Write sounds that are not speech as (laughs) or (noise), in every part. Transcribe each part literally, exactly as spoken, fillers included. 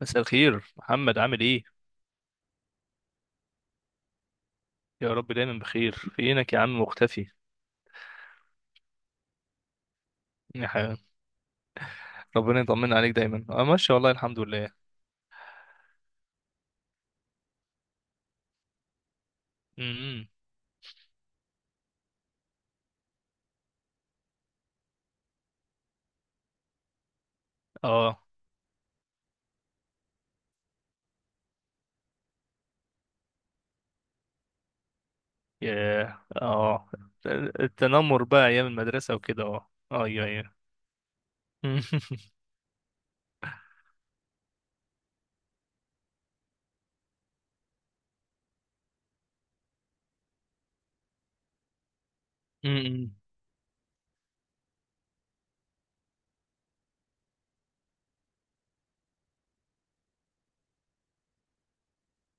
مساء الخير محمد، عامل ايه؟ يا رب دايما بخير. فينك يا عم مختفي؟ يا حبيبي، ربنا يطمن عليك دايما. اه ماشي والله الحمد لله. امم اه يا اه التنمر بقى ايام المدرسه وكده، اه ايوه ايوه. (laughs) أمم.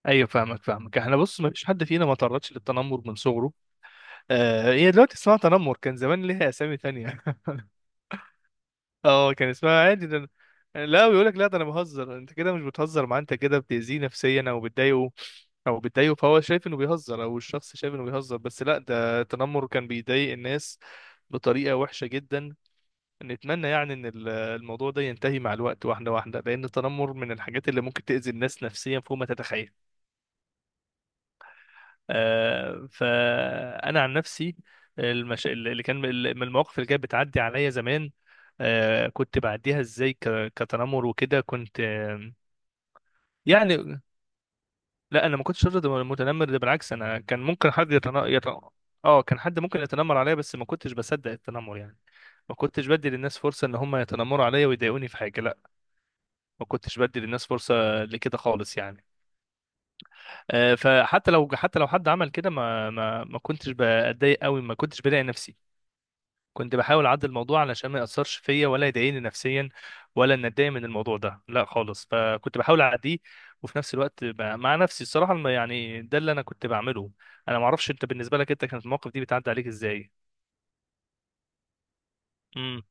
ايوه فاهمك فاهمك احنا بص، ما فيش حد فينا ما تعرضش للتنمر من صغره. آه، هي دلوقتي اسمها تنمر، كان زمان ليها اسامي تانية. اه كان اسمها عادي، ده أنا- يعني لا، بيقول لك لا ده انا بهزر، انت كده مش بتهزر معاه، انت كده بتأذيه نفسيا او بتضايقه. او بتضايقه، فهو شايف انه بيهزر او الشخص شايف انه بيهزر، بس لا، ده التنمر كان بيضايق الناس بطريقة وحشة جدا. نتمنى يعني ان ال- الموضوع ده ينتهي مع الوقت واحدة واحدة، لان التنمر من الحاجات اللي ممكن تأذي الناس نفسيا فوق ما تتخيل. آه، فانا عن نفسي، المش... اللي كان من المواقف اللي كانت بتعدي عليا زمان، آه، كنت بعديها ازاي ك... كتنمر وكده، كنت آه، يعني لا، انا ما كنتش شرط متنمر، ده بالعكس انا كان ممكن حد يتن... يت... اه، كان حد ممكن يتنمر عليا بس ما كنتش بصدق التنمر يعني. ما كنتش بدي للناس فرصة ان هم يتنمروا عليا ويضايقوني في حاجة، لا. ما كنتش بدي للناس فرصة لكده خالص يعني. آه، فحتى لو حتى لو حد عمل كده، ما ما ما كنتش بتضايق قوي، ما كنتش بلاقي نفسي. كنت بحاول اعدل الموضوع علشان ما ياثرش فيا ولا يضايقني نفسيا، ولا ان اتضايق من الموضوع ده لا خالص، فكنت بحاول اعديه. وفي نفس الوقت ب- مع نفسي الصراحه، الم- يعني ده اللي انا كنت بعمله. انا ما اعرفش انت بالنسبه لك، انت كانت المواقف دي بتعدي عليك ازاي؟ امم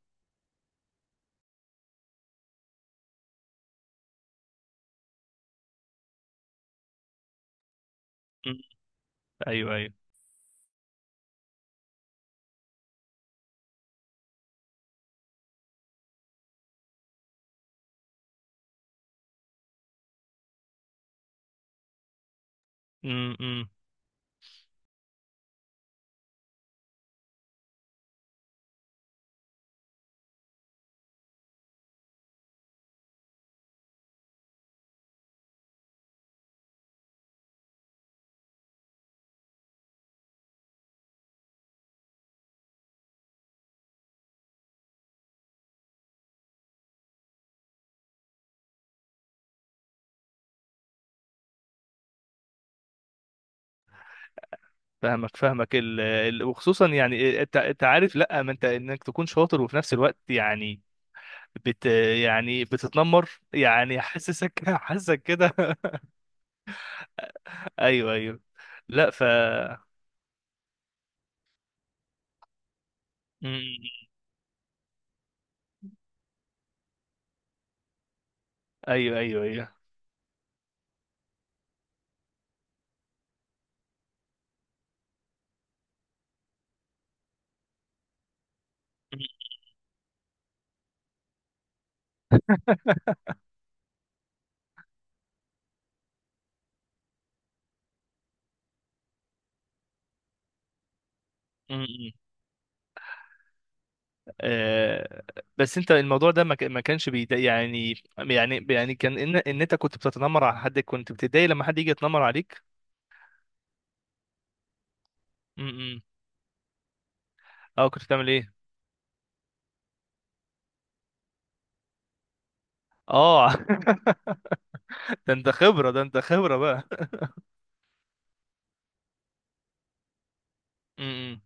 أمم. ايوه ايوه. امم أمم. فاهمك فاهمك ال... ال... وخصوصا يعني انت، انت عارف، لا ما انت انك تكون شاطر وفي نفس الوقت يعني بت يعني بتتنمر، يعني حاسسك (laughs) حاسسك كده. (laughs) ايوه ايوه. لا ف امم، ايوه ايوه ايوه. امم. (laughs) آه. بس انت الموضوع ده ما ك- ما كانش بيضايق يعني، يعني يعني كان ان ان انت كنت بتتنمر على حد، كنت بتتضايق لما حد يجي يتنمر عليك؟ امم. اه كنت بتعمل ايه؟ اه. (laughs) ده انت خبرة، ده انت خبرة بقى. امم.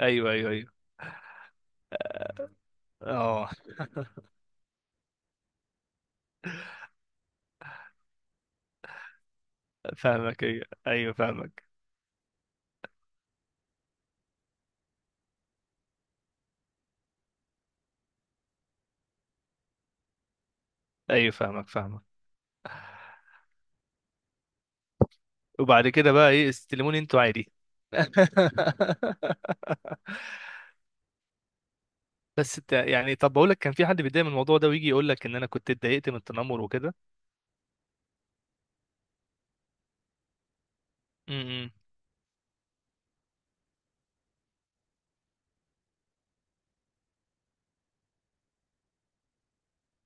ايوه ايوه ايوه. اه فاهمك. ايوه ايوه فاهمك. ايوه فاهمك فاهمك وبعد كده بقى ايه، استلموني انتوا عادي؟ (laughs) بس انت يعني، طب بقول لك كان في حد بيتضايق من الموضوع ده ويجي يقول لك ان انا كنت اتضايقت من التنمر وكده؟ امم.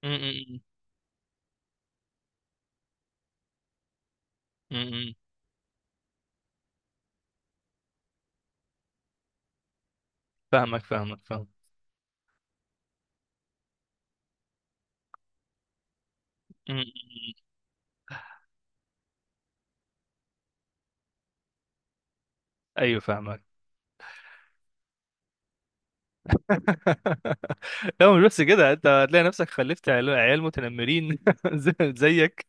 امم. امم. فاهمك فاهمك فاهمك امم. ايوه فاهمك. (laughs) لا مش بس كده، انت هتلاقي نفسك خلفت عيال، عيال متنمرين (laughs) زي- زيك.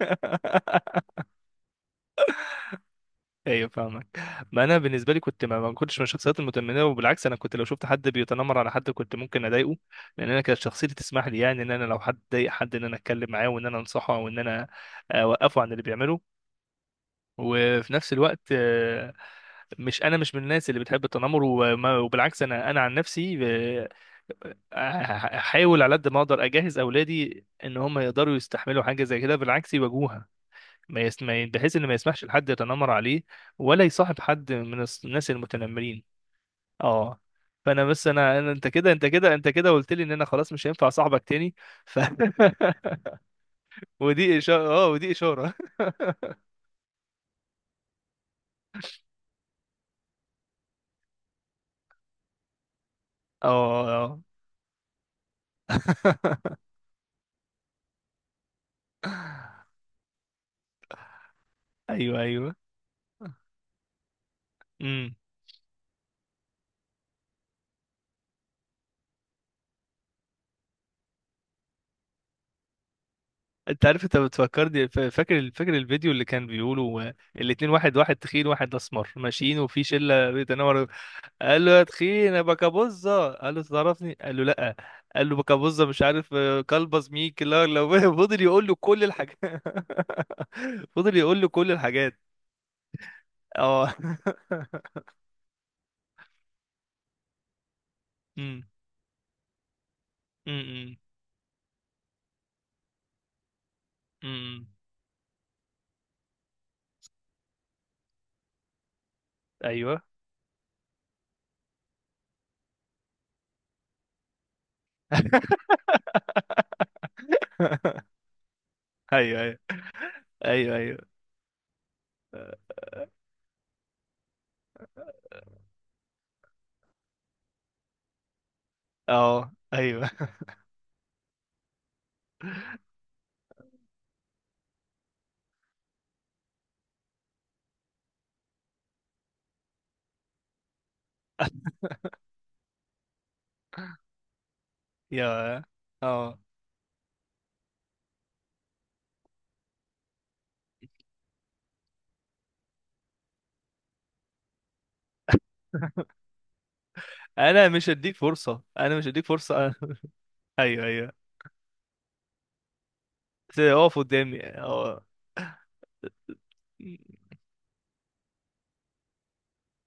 ايوه فاهمك. ما انا بالنسبه لي كنت ما ما كنتش من الشخصيات المتنمره، وبالعكس انا كنت لو شفت حد بيتنمر على حد كنت ممكن اضايقه، لان انا كانت شخصيتي تسمح لي يعني، ان انا لو حد ضايق حد ان انا اتكلم معاه وان انا انصحه او ان انا اوقفه عن اللي بيعمله. وفي نفس الوقت آه، مش انا مش من الناس اللي بتحب التنمر، وما- وبالعكس انا، انا عن نفسي آه، أح- احاول على قد ما اقدر اجهز اولادي ان هم يقدروا يستحملوا حاجه زي كده، بالعكس يواجهوها. ما يس... ما ي- بحيث ان ما يسمحش لحد يتنمر عليه، ولا يصاحب حد من الس- الناس المتنمرين. اه، فانا بس انا أنا- انت كده، انت كده، انت كده قلت لي ان انا خلاص مش هينفع صاحبك تاني. ف... (laughs) ودي اشاره، اه ودي اشاره. (laughs) اه اه. (laughs) ايوه ايوه. امم. انت عارف انت بتفكرني، فا- فاكر، فاكر الفيديو اللي كان بيقولوا آه، الاتنين، واحد واحد تخين واحد اسمر ماشيين وفي شله بيتناور، قال له يا تخين يا بكابوزه، قال له تعرفني، قال له لا. قال له بكابوزه، مش عارف آه، كلبز ميك، لا لو (laughs) فضل يقول له كل الحاجات. (laughs) فضل يقول له كل الحاجات. اه. (laughs) امم امم امم ايوه ايوه ايوه ايوه ايوه اه ايوه. (laughs) يا اه، انا مش هديك فرصه، انا مش هديك فرصه. (laughs) ايوه ايوه. بس اقف قدامي اه.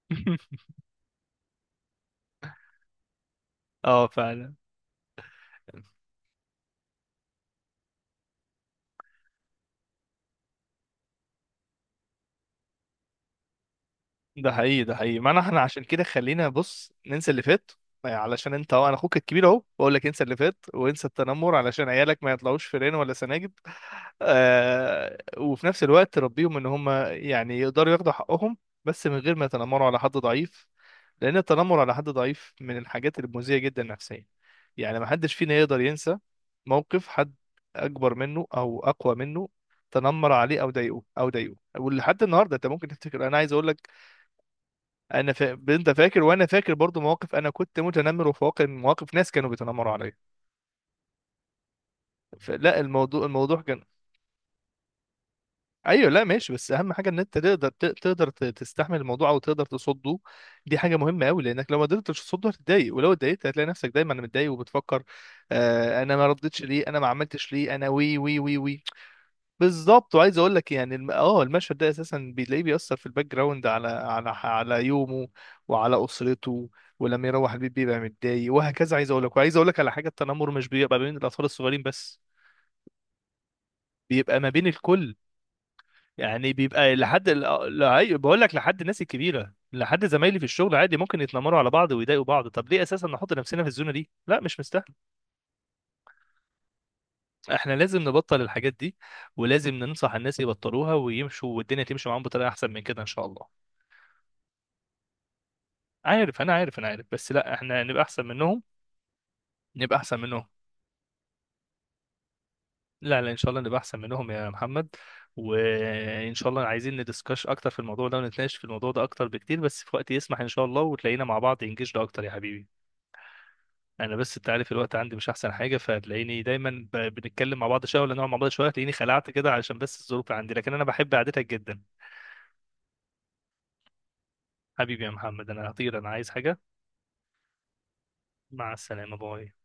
(laughs) اه فعلا. ده حقيقي، ده حقيقي معنى. احنا عشان كده خلينا بص ننسى اللي فات. آه، علشان انت اهو، انا اخوك الكبير اهو بقول لك انسى اللي فات وانسى التنمر، علشان عيالك ما يطلعوش فيران ولا سناجب. آه، وفي نفس الوقت ربيهم ان هم يعني يقدروا ياخدوا حقهم، بس من غير ما يتنمروا على حد ضعيف. لأن التنمر على حد ضعيف من الحاجات المؤذية جدا نفسيا. يعني محدش فينا يقدر ينسى موقف حد أكبر منه أو أقوى منه تنمر عليه أو ضايقه. أو ضايقه ولحد النهاردة أنت ممكن تفتكر. أنا عايز أقول لك، أنا فا... أنت فاكر وأنا فاكر برضو مواقف أنا كنت متنمر، وفي واقع مواقف ناس كانوا بيتنمروا عليا. فلا الموضوع الموضوع كان، ايوه لا ماشي. بس اهم حاجه ان انت تقدر ت- تقدر ت- تستحمل الموضوع او تقدر تصده. دي حاجه مهمه قوي، لانك لو ما قدرتش تصده هتتضايق، ولو اتضايقت هتلاقي نفسك دايما متضايق وبتفكر آه انا ما ردتش ليه، انا ما عملتش ليه، انا وي وي وي وي. بالظبط. وعايز اقول لك يعني، الم- اه المشهد ده اساسا بتلاقيه بيأثر في الباك جراوند على على على يومه وعلى اسرته. ولما يروح البيت بيبقى متضايق وهكذا. عايز اقول لك، وعايز اقول لك على حاجه، التنمر مش بيبقى بين الاطفال الصغيرين بس، بيبقى ما بين الكل. يعني بيبقى لحد ال- لا أيوة، بقول لك لحد الناس الكبيره، لحد زمايلي في الشغل عادي ممكن يتنمروا على بعض ويضايقوا بعض. طب ليه اساسا نحط نفسنا في الزونه دي؟ لا مش مستاهل. احنا لازم نبطل الحاجات دي، ولازم ننصح الناس يبطلوها ويمشوا، والدنيا تمشي معاهم بطريقه احسن من كده ان شاء الله. عارف، انا عارف، انا عارف، بس لا احنا نبقى احسن منهم. نبقى احسن منهم. لا لا، ان شاء الله نبقى احسن منهم يا محمد. وان شاء الله عايزين ندسكش اكتر في الموضوع ده ونتناقش في الموضوع ده اكتر بكتير، بس في وقت يسمح ان شاء الله وتلاقينا مع بعض انجيج ده اكتر يا حبيبي. انا بس انت عارف الوقت عندي مش احسن حاجه، فهتلاقيني دايما ب- بنتكلم مع بعض شويه ولا نقعد مع بعض شويه هتلاقيني خلعت كده، علشان بس الظروف اللي عندي، لكن انا بحب قعدتك جدا. حبيبي يا محمد، انا هطير، انا عايز حاجه. مع السلامه، باي.